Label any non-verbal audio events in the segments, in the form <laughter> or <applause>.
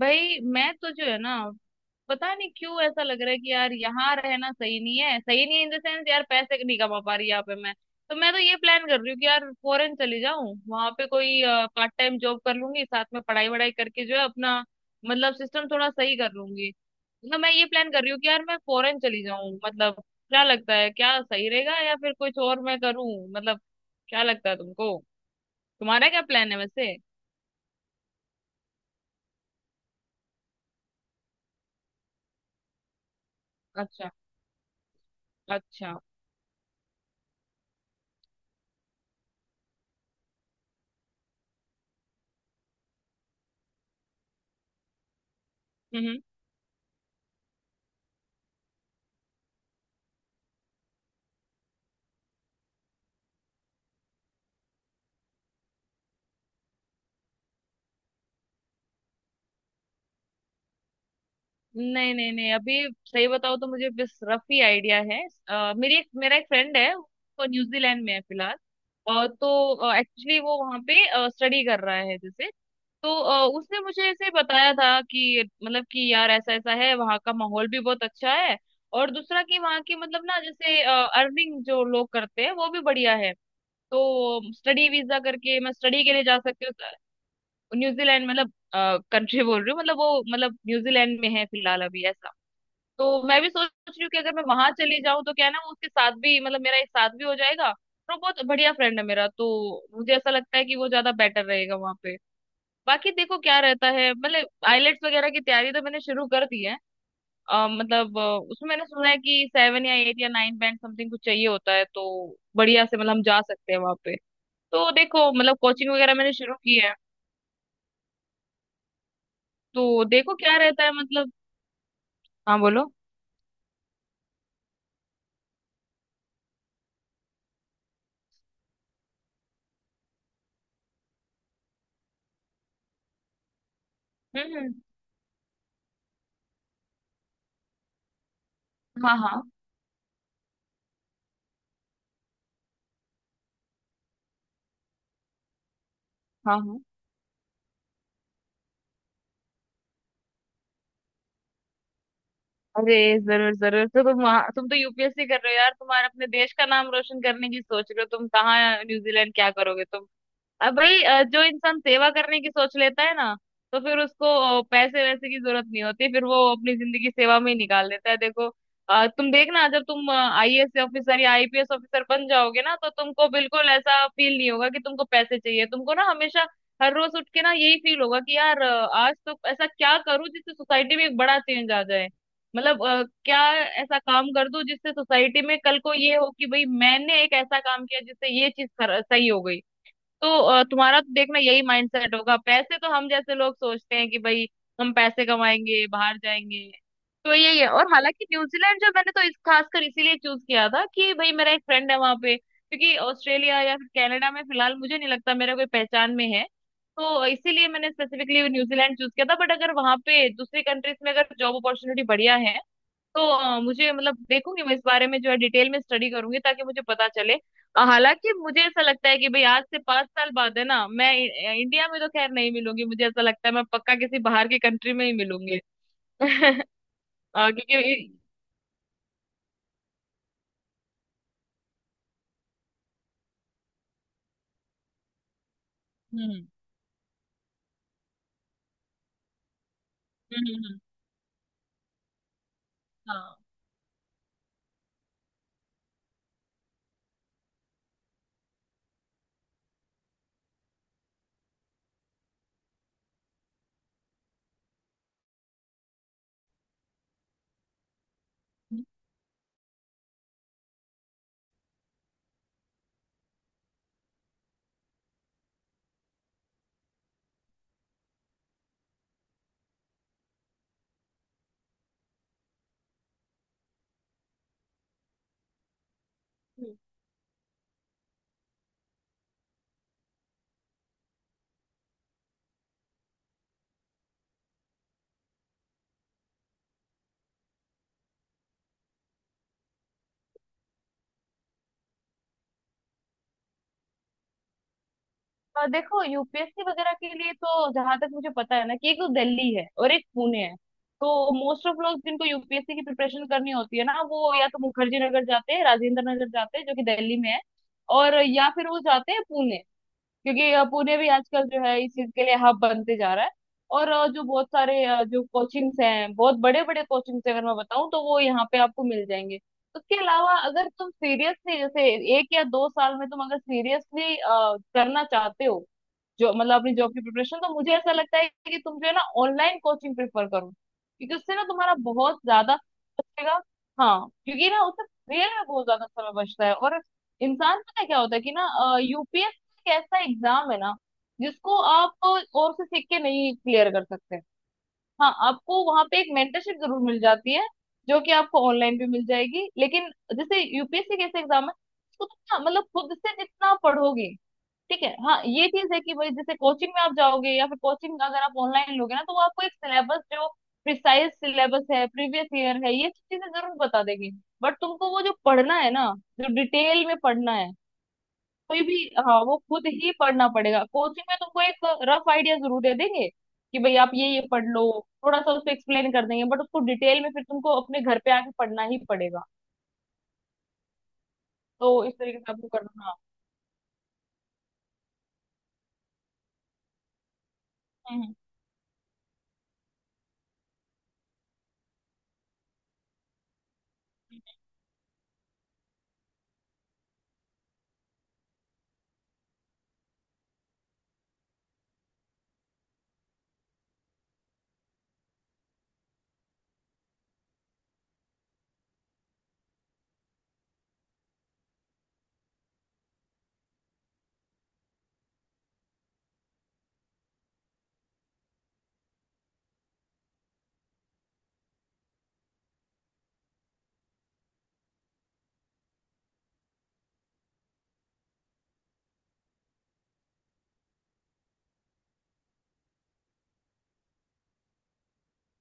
भाई मैं तो जो है ना, पता नहीं क्यों ऐसा लग रहा है कि यार यहाँ रहना सही नहीं है। सही नहीं है इन द सेंस, यार पैसे नहीं कमा पा रही यहाँ पे मैं। तो ये प्लान कर रही हूँ कि यार फॉरेन चली जाऊँ, वहां पे कोई पार्ट टाइम जॉब कर लूंगी, साथ में पढ़ाई वढ़ाई करके जो है अपना मतलब सिस्टम थोड़ा सही कर लूंगी। मतलब मैं ये प्लान कर रही हूँ कि यार मैं फॉरेन चली जाऊँ मतलब। क्या लगता है, क्या सही रहेगा या फिर कुछ और मैं करूँ? मतलब क्या लगता है तुमको? तुम्हारा क्या प्लान है वैसे? अच्छा। अच्छा। हम्म। नहीं नहीं नहीं अभी। सही बताओ तो मुझे बस रफ ही आइडिया है। मेरी एक, मेरा एक फ्रेंड है, वो न्यूजीलैंड में है फिलहाल। तो एक्चुअली वो वहाँ पे स्टडी कर रहा है जैसे। तो उसने मुझे ऐसे बताया था कि मतलब कि यार ऐसा ऐसा है, वहाँ का माहौल भी बहुत अच्छा है। और दूसरा कि वहाँ की मतलब ना, जैसे अर्निंग जो लोग करते हैं वो भी बढ़िया है। तो स्टडी वीजा करके मैं स्टडी के लिए जा सकती हूँ न्यूजीलैंड, मतलब कंट्री बोल रही हूँ, मतलब वो मतलब न्यूजीलैंड में है फिलहाल अभी ऐसा। तो मैं भी सोच रही हूँ कि अगर मैं वहां चली जाऊँ तो क्या है ना, वो उसके साथ भी मतलब मेरा एक साथ भी हो जाएगा और वो बहुत बढ़िया फ्रेंड है मेरा, तो मुझे ऐसा लगता है कि वो ज्यादा बेटर रहेगा वहां पे। बाकी देखो क्या रहता है, मतलब आइलेट्स वगैरह की तैयारी तो मैंने शुरू कर दी है। अ, मतलब अ, उसमें मैंने सुना है कि 7 या 8 या 9 बैंड समथिंग कुछ चाहिए होता है, तो बढ़िया से मतलब हम जा सकते हैं वहां पे। तो देखो मतलब कोचिंग वगैरह मैंने शुरू की है। तो देखो क्या रहता है मतलब। हाँ बोलो। हम्म। हम्म। हाँ हाँ। हाँ हाँ। अरे, जरूर जरूर। तो तुम वहाँ, तुम तो यूपीएससी कर रहे हो यार, तुम्हारा अपने देश का नाम रोशन करने की सोच रहे हो, तुम कहाँ न्यूजीलैंड क्या करोगे? अब भाई जो इंसान सेवा करने की सोच लेता है ना, तो फिर उसको पैसे वैसे की जरूरत नहीं होती, फिर वो अपनी जिंदगी सेवा में ही निकाल देता है देखो। तुम देखना जब तुम आईएएस ऑफिसर या आईपीएस ऑफिसर बन जाओगे ना, तो तुमको बिल्कुल ऐसा फील नहीं होगा कि तुमको पैसे चाहिए। तुमको ना हमेशा हर रोज उठ के ना यही फील होगा कि यार, आज तो ऐसा क्या करूं जिससे सोसाइटी में एक बड़ा चेंज आ जाए। मतलब क्या ऐसा काम कर दूं जिससे सोसाइटी में कल को ये हो कि भाई, मैंने एक ऐसा काम किया जिससे ये चीज सही हो गई। तो तुम्हारा तो देखना यही माइंडसेट होगा। पैसे तो हम जैसे लोग सोचते हैं कि भाई हम पैसे कमाएंगे, बाहर जाएंगे, तो यही है। और हालांकि न्यूजीलैंड जो मैंने तो इस खासकर इसीलिए चूज किया था कि भाई मेरा एक फ्रेंड है वहां पे, क्योंकि ऑस्ट्रेलिया या फिर कनाडा में फिलहाल मुझे नहीं लगता मेरा कोई पहचान में है। तो इसीलिए मैंने स्पेसिफिकली न्यूजीलैंड चूज किया था, बट अगर वहां पे दूसरी कंट्रीज में अगर जॉब अपॉर्चुनिटी बढ़िया है तो मुझे मतलब देखूंगी मैं इस बारे में जो है डिटेल में स्टडी करूंगी ताकि मुझे पता चले। हालांकि मुझे ऐसा लगता है कि भाई आज से 5 साल बाद है ना, मैं इंडिया में तो खैर नहीं मिलूंगी। मुझे ऐसा लगता है मैं पक्का किसी बाहर की कंट्री में ही मिलूंगी। <laughs> क्योंकि हम्म। हम्म। हाँ, और देखो यूपीएससी वगैरह के लिए तो जहां तक मुझे पता है ना कि एक तो दिल्ली है और एक पुणे है। तो मोस्ट ऑफ लोग जिनको यूपीएससी की प्रिपरेशन करनी होती है ना, वो या तो मुखर्जी नगर जाते हैं, राजेंद्र नगर जाते हैं जो कि दिल्ली में है। और या फिर वो जाते हैं पुणे, क्योंकि पुणे भी आजकल जो है इस चीज के लिए हब बनते जा रहा है। और जो कोचिंग्स हैं, बहुत बड़े बड़े कोचिंग्स अगर मैं बताऊं तो वो यहाँ पे आपको मिल जाएंगे। उसके अलावा अगर तुम सीरियसली, जैसे एक या दो साल में तुम अगर सीरियसली करना चाहते हो जो मतलब अपनी जॉब की प्रिपरेशन, तो मुझे ऐसा लगता है कि तुम जो है ना ऑनलाइन कोचिंग प्रेफर करो, क्योंकि उससे ना तुम्हारा बहुत ज्यादा बचेगा। हाँ, क्योंकि ना उससे रियल में बहुत ज्यादा समय बचता है। और इंसान पता है क्या होता है कि ना, यूपीएससी एक ऐसा एग्जाम है ना जिसको आप और से सीख के नहीं क्लियर कर सकते। हाँ, आपको वहां पे एक मेंटरशिप जरूर मिल जाती है जो कि आपको ऑनलाइन भी मिल जाएगी, लेकिन जैसे यूपीएससी कैसे एग्जाम है, उसको तुम ना मतलब खुद से जितना पढ़ोगे। ठीक है, हाँ ये चीज है कि भाई जैसे कोचिंग में आप जाओगे या फिर कोचिंग अगर आप ऑनलाइन लोगे ना, तो वो आपको एक सिलेबस जो प्रिसाइज सिलेबस है, प्रीवियस ईयर है, ये चीजें जरूर बता देगी। बट तुमको वो जो पढ़ना है ना, जो डिटेल में पढ़ना है कोई भी, हाँ वो खुद ही पढ़ना पड़ेगा। कोचिंग में तुमको एक रफ आइडिया जरूर दे देंगे कि भाई आप ये पढ़ लो, थोड़ा सा उसको एक्सप्लेन कर देंगे, बट उसको डिटेल में फिर तुमको अपने घर पे आके पढ़ना ही पड़ेगा। तो इस तरीके से आपको करना, हाँ। हम्म।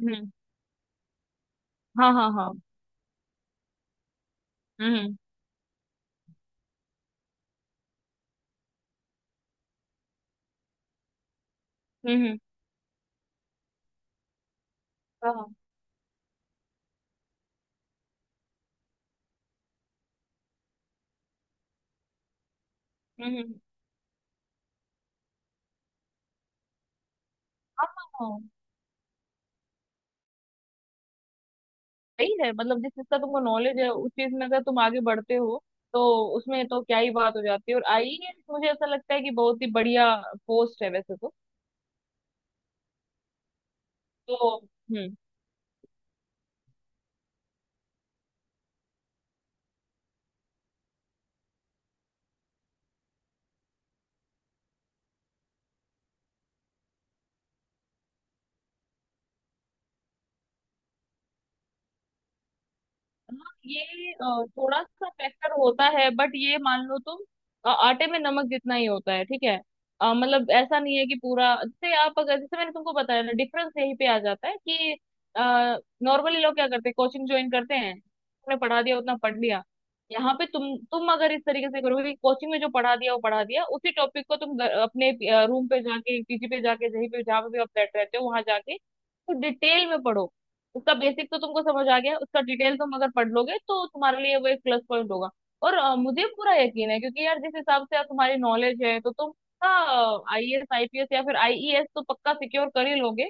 हम्म, हाँ हाँ हाँ। हम्म। हम्म हम्म, हाँ हम्म। हम्म। हाँ, सही है। मतलब जिस चीज का तुमको नॉलेज है उस चीज में अगर तुम आगे बढ़ते हो, तो उसमें तो क्या ही बात हो जाती है। और आईएएस मुझे ऐसा लगता है कि बहुत ही बढ़िया पोस्ट है वैसे तो। तो हम्म। हाँ, ये थोड़ा सा फैक्टर होता है, बट ये मान लो तुम आटे में नमक जितना ही होता है ठीक है। मतलब ऐसा नहीं है कि पूरा, जैसे आप अगर जैसे मैंने तुमको बताया ना डिफरेंस यहीं पे आ जाता है कि नॉर्मली लोग क्या करते हैं कोचिंग ज्वाइन करते हैं, तुमने पढ़ा दिया उतना पढ़ लिया। यहाँ पे तुम अगर इस तरीके से करोगे, कोचिंग में जो पढ़ा दिया वो पढ़ा दिया, उसी टॉपिक को तुम अपने रूम पे जाके, पीजी पे जाके, जहीं पे जहाँ पे भी आप बैठ रहते हो वहां जाके तो डिटेल में पढ़ो। उसका बेसिक तो तुमको समझ आ गया, उसका डिटेल तुम अगर पढ़ लोगे तो तुम्हारे लिए वो एक प्लस पॉइंट होगा। और मुझे पूरा यकीन है क्योंकि यार जिस हिसाब से यार तुम्हारी नॉलेज है, तो तुम आईएएस, आईपीएस या फिर आईईएस तो पक्का सिक्योर कर ही लोगे।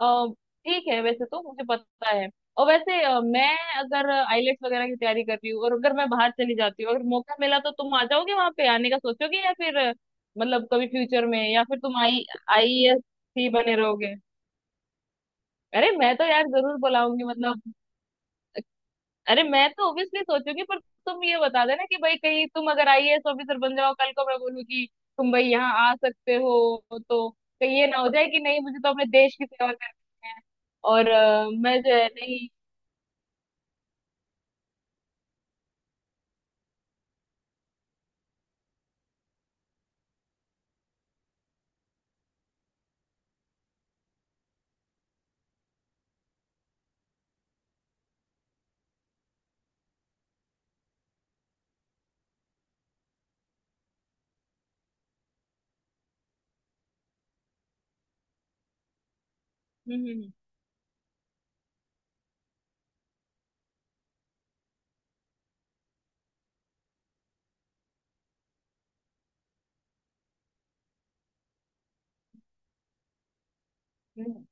अ, ठीक है वैसे तो मुझे पता है। और वैसे मैं अगर आईलेट्स वगैरह की तैयारी कर रही हूँ और अगर मैं बाहर चली जाती हूँ अगर मौका मिला, तो तुम आ जाओगे वहां पे आने का सोचोगे? या फिर मतलब कभी फ्यूचर में, या फिर तुम आई आईएएस ही बने रहोगे? अरे मैं तो यार जरूर बुलाऊंगी मतलब। अरे मैं तो ऑब्वियसली सोचूंगी, पर तुम ये बता देना कि भाई कहीं तुम अगर आईएएस ऑफिसर बन जाओ, कल को मैं बोलूँ कि तुम भाई यहाँ आ सकते हो, तो कहीं ये ना हो जाए कि नहीं मुझे तो अपने देश की सेवा करनी है। और मैं जो है नहीं हम्म। हम्म,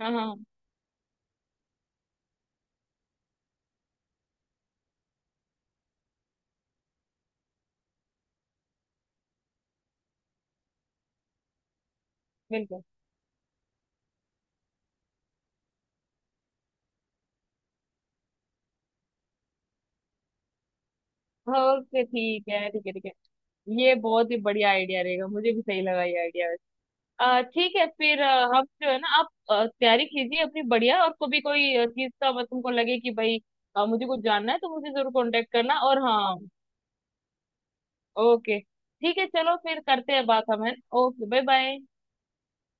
हाँ हाँ बिल्कुल। ओके ठीक है ठीक है ठीक है, ये बहुत ही बढ़िया आइडिया रहेगा, मुझे भी सही लगा ये आइडिया। ठीक है फिर हम जो है ना, आप तैयारी कीजिए अपनी बढ़िया, और कभी कोई चीज का अगर तुमको लगे कि भाई मुझे कुछ जानना है तो मुझे जरूर कांटेक्ट करना, और हाँ। ओके ठीक है, चलो फिर करते हैं बात हम है। Okay bye bye.